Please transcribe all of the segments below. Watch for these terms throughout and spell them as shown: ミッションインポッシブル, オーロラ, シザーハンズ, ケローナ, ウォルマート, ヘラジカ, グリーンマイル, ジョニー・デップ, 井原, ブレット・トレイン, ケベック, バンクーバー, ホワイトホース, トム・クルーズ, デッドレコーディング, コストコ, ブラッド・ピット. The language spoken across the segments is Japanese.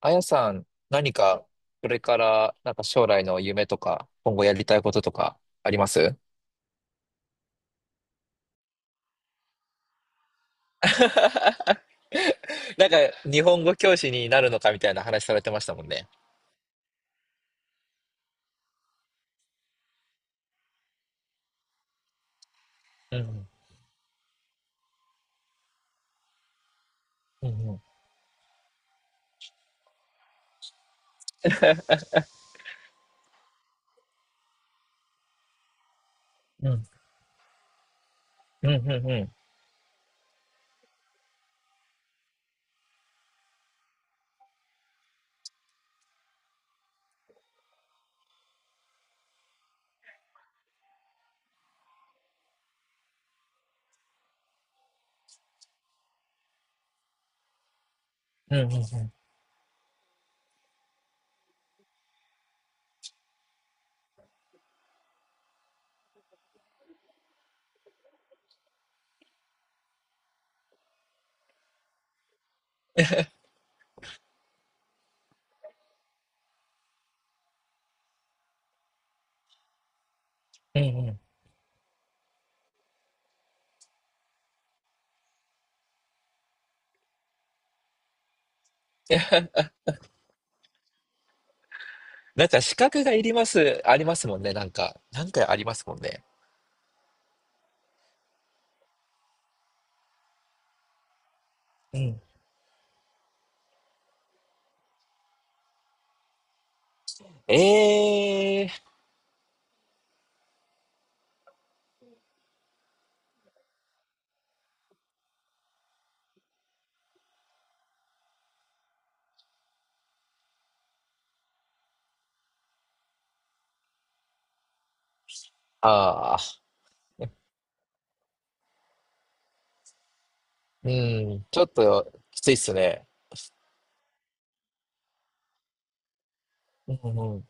あやさん、これから、将来の夢とか、今後やりたいこととか、あります？ なんか、日本語教師になるのかみたいな話されてましたもんね。うん。うん。うん。うん。うん。うん。うん。うん。うん。うん。うん。 資格がいります、ありますもんね。なんかありますもんね。うん。ええー。ああ。うん。ちょっと、きついっすね。うん。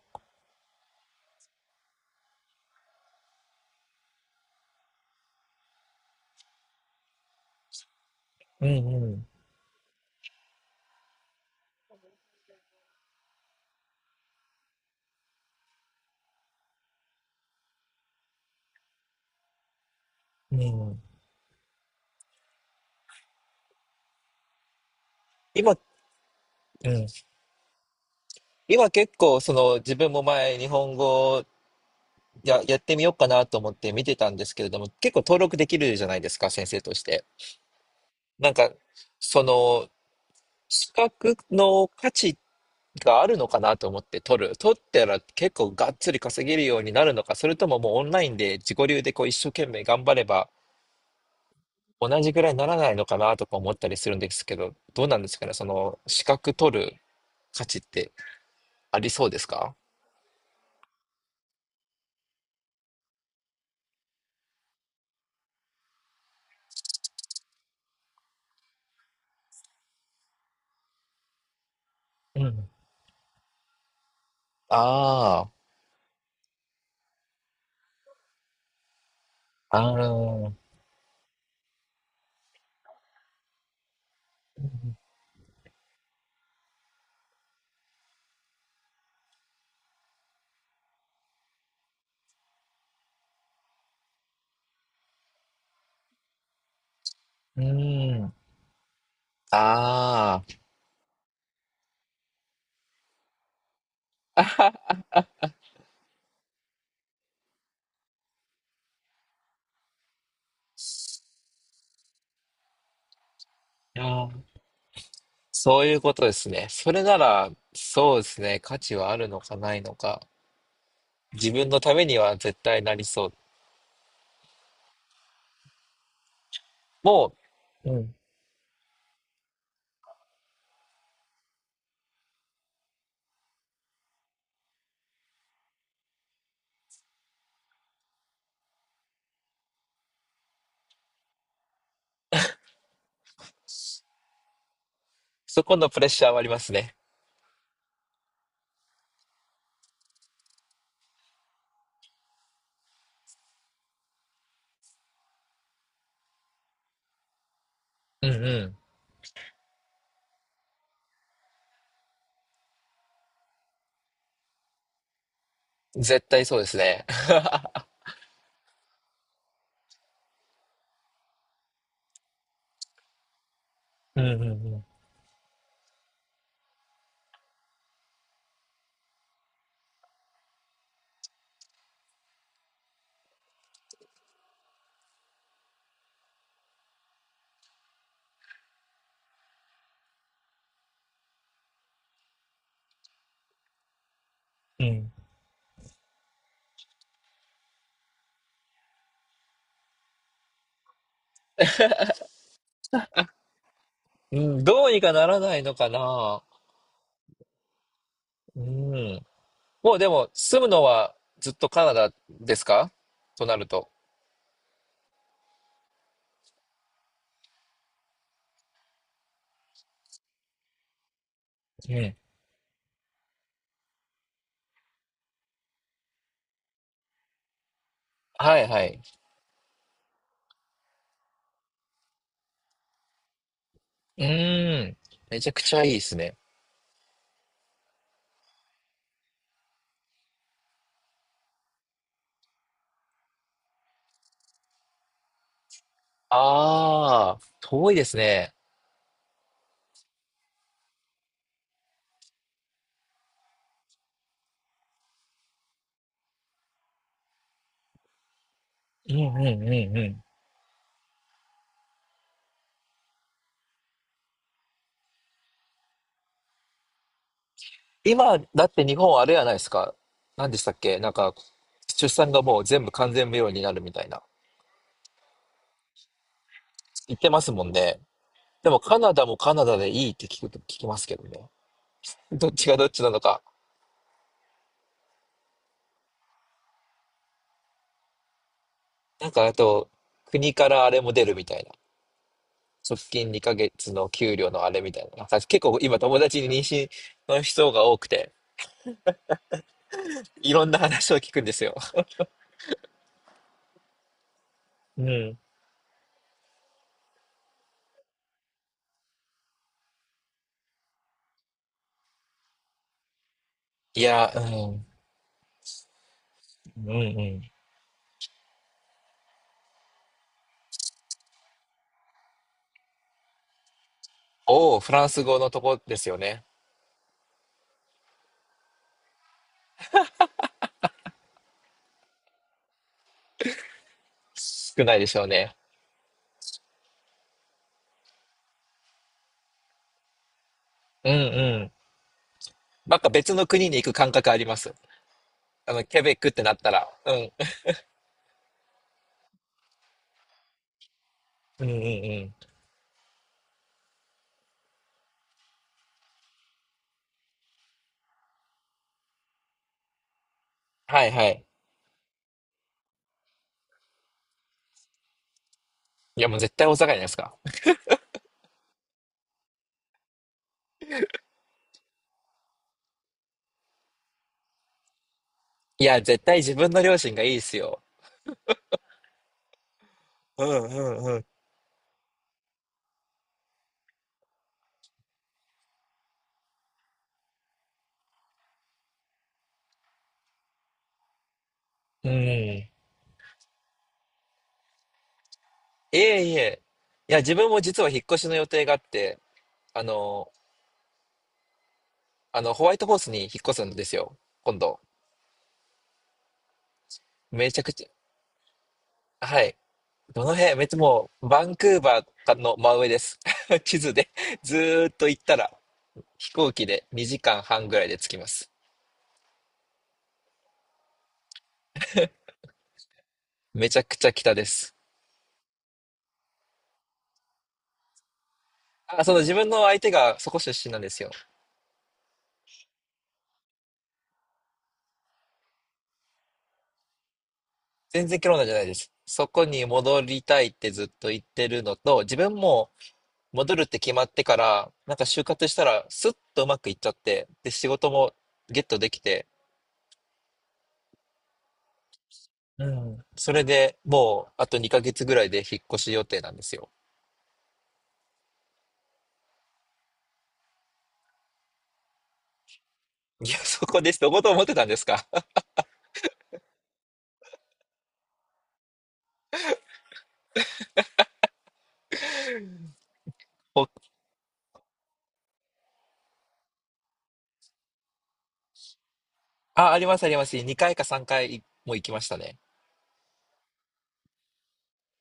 うん。うん。うん。うん。今、うん、今結構その自分も前日本語やってみようかなと思って見てたんですけれども、結構登録できるじゃないですか、先生として。なんかその資格の価値があるのかなと思って取る。取ったら結構がっつり稼げるようになるのか、それとももうオンラインで自己流でこう一生懸命頑張れば同じぐらいにならないのかなとか思ったりするんですけど、どうなんですかね、その資格取る価値ってありそうですか？うん。ああ。ああ。うーん。ああ。いやー、そういうことですね。それなら、そうですね。価値はあるのかないのか。自分のためには絶対なりそう。もうん。そこのプレッシャーはありますね。うんうん。絶対そうですね。うんうんうん。うん。うん、どうにかならないのかな。うん。もうでも、住むのはずっとカナダですか、となると。うん。はいはい。うーん。めちゃくちゃいいですね。ああ、遠いですね。うんうんうんうん。今、だって日本あれやないですか。何でしたっけ、出産がもう全部完全無料になるみたいな。言ってますもんね。でもカナダもカナダでいいって聞くと聞きますけどね。どっちがどっちなのか。なんかあと、国からあれも出るみたいな。側近2ヶ月の給料のあれみたいな。結構今友達に妊娠の人が多くて、いろんな話を聞くんですよ。うん。いや、うん。うんうん。おお、フランス語のとこですよね。少ないでしょうね。うんうん。なんか別の国に行く感覚あります。あの、ケベックってなったら。うん。うんうんうん。はいはい。いやもう絶対大阪じゃないですか。いや、絶対自分の両親がいいですよ。うんうんうん。うん。いえいえ。いや、自分も実は引っ越しの予定があって、あの、あの、ホワイトホースに引っ越すんですよ。今度。めちゃくちゃ。はい。どの辺？めっちゃもう、バンクーバーの真上です。地図でずーっと行ったら、飛行機で2時間半ぐらいで着きます。めちゃくちゃ北です。あ、その自分の相手がそこ出身なんですよ。全然ケロナじゃないです。そこに戻りたいってずっと言ってるのと、自分も戻るって決まってから、なんか就活したらスッとうまくいっちゃって、で、仕事もゲットできて、うん。それでもうあと2ヶ月ぐらいで引っ越し予定なんですよ。いや、そこです。どこと思ってたんですか？おあ、あります。2回か3回も行きましたね。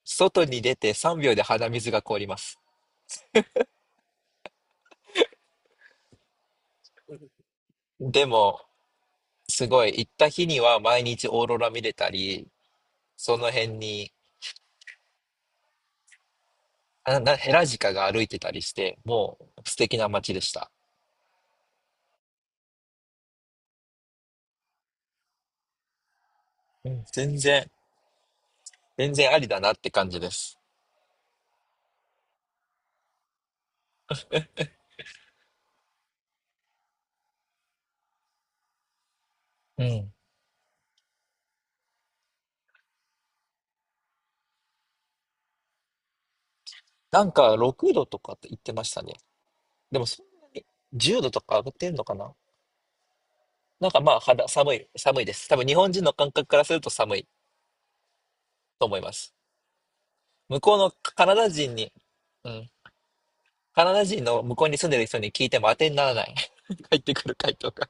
外に出て3秒で鼻水が凍ります。でも、すごい、行った日には毎日オーロラ見れたり、その辺に、ヘラジカが歩いてたりして、もう素敵な街でした。うん、全然ありだなって感じです。うん。なんか6度とかって言ってましたね。でもそんなに、10度とか上がってんのかな？なんかまあ肌寒い、寒いです。多分日本人の感覚からすると寒いと思います。向こうのカナダ人に、うん。カナダ人の向こうに住んでる人に聞いても当てにならない。返ってくる回答が。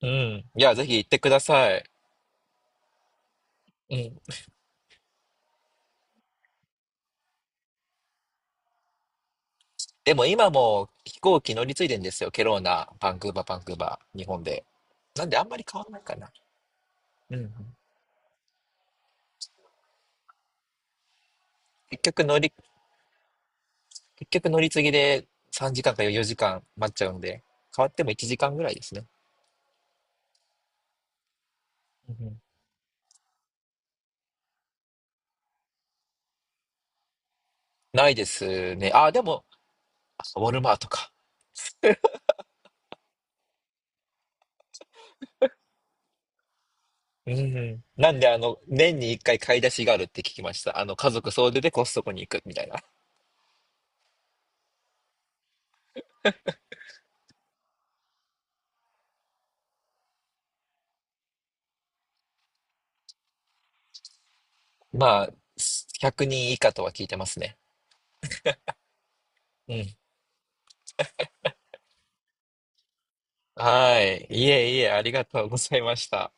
うん。いや、ぜひ行ってください。うん。でも今も飛行機乗り継いでんですよ。ケローナ、バンクーバー、バンクーバー、日本で。なんであんまり変わんないかな。うん。結局乗り、結局乗り継ぎで3時間か4時間待っちゃうんで、変わっても1時間ぐらいですね。うん、ないですね。あ、でも、あウォルマートか。うん。なんで、あの、年に一回買い出しがあるって聞きました。あの、家族総出でコストコに行くみたいな。まあ、100人以下とは聞いてますね。うん。はい。いえいえ、ありがとうございました。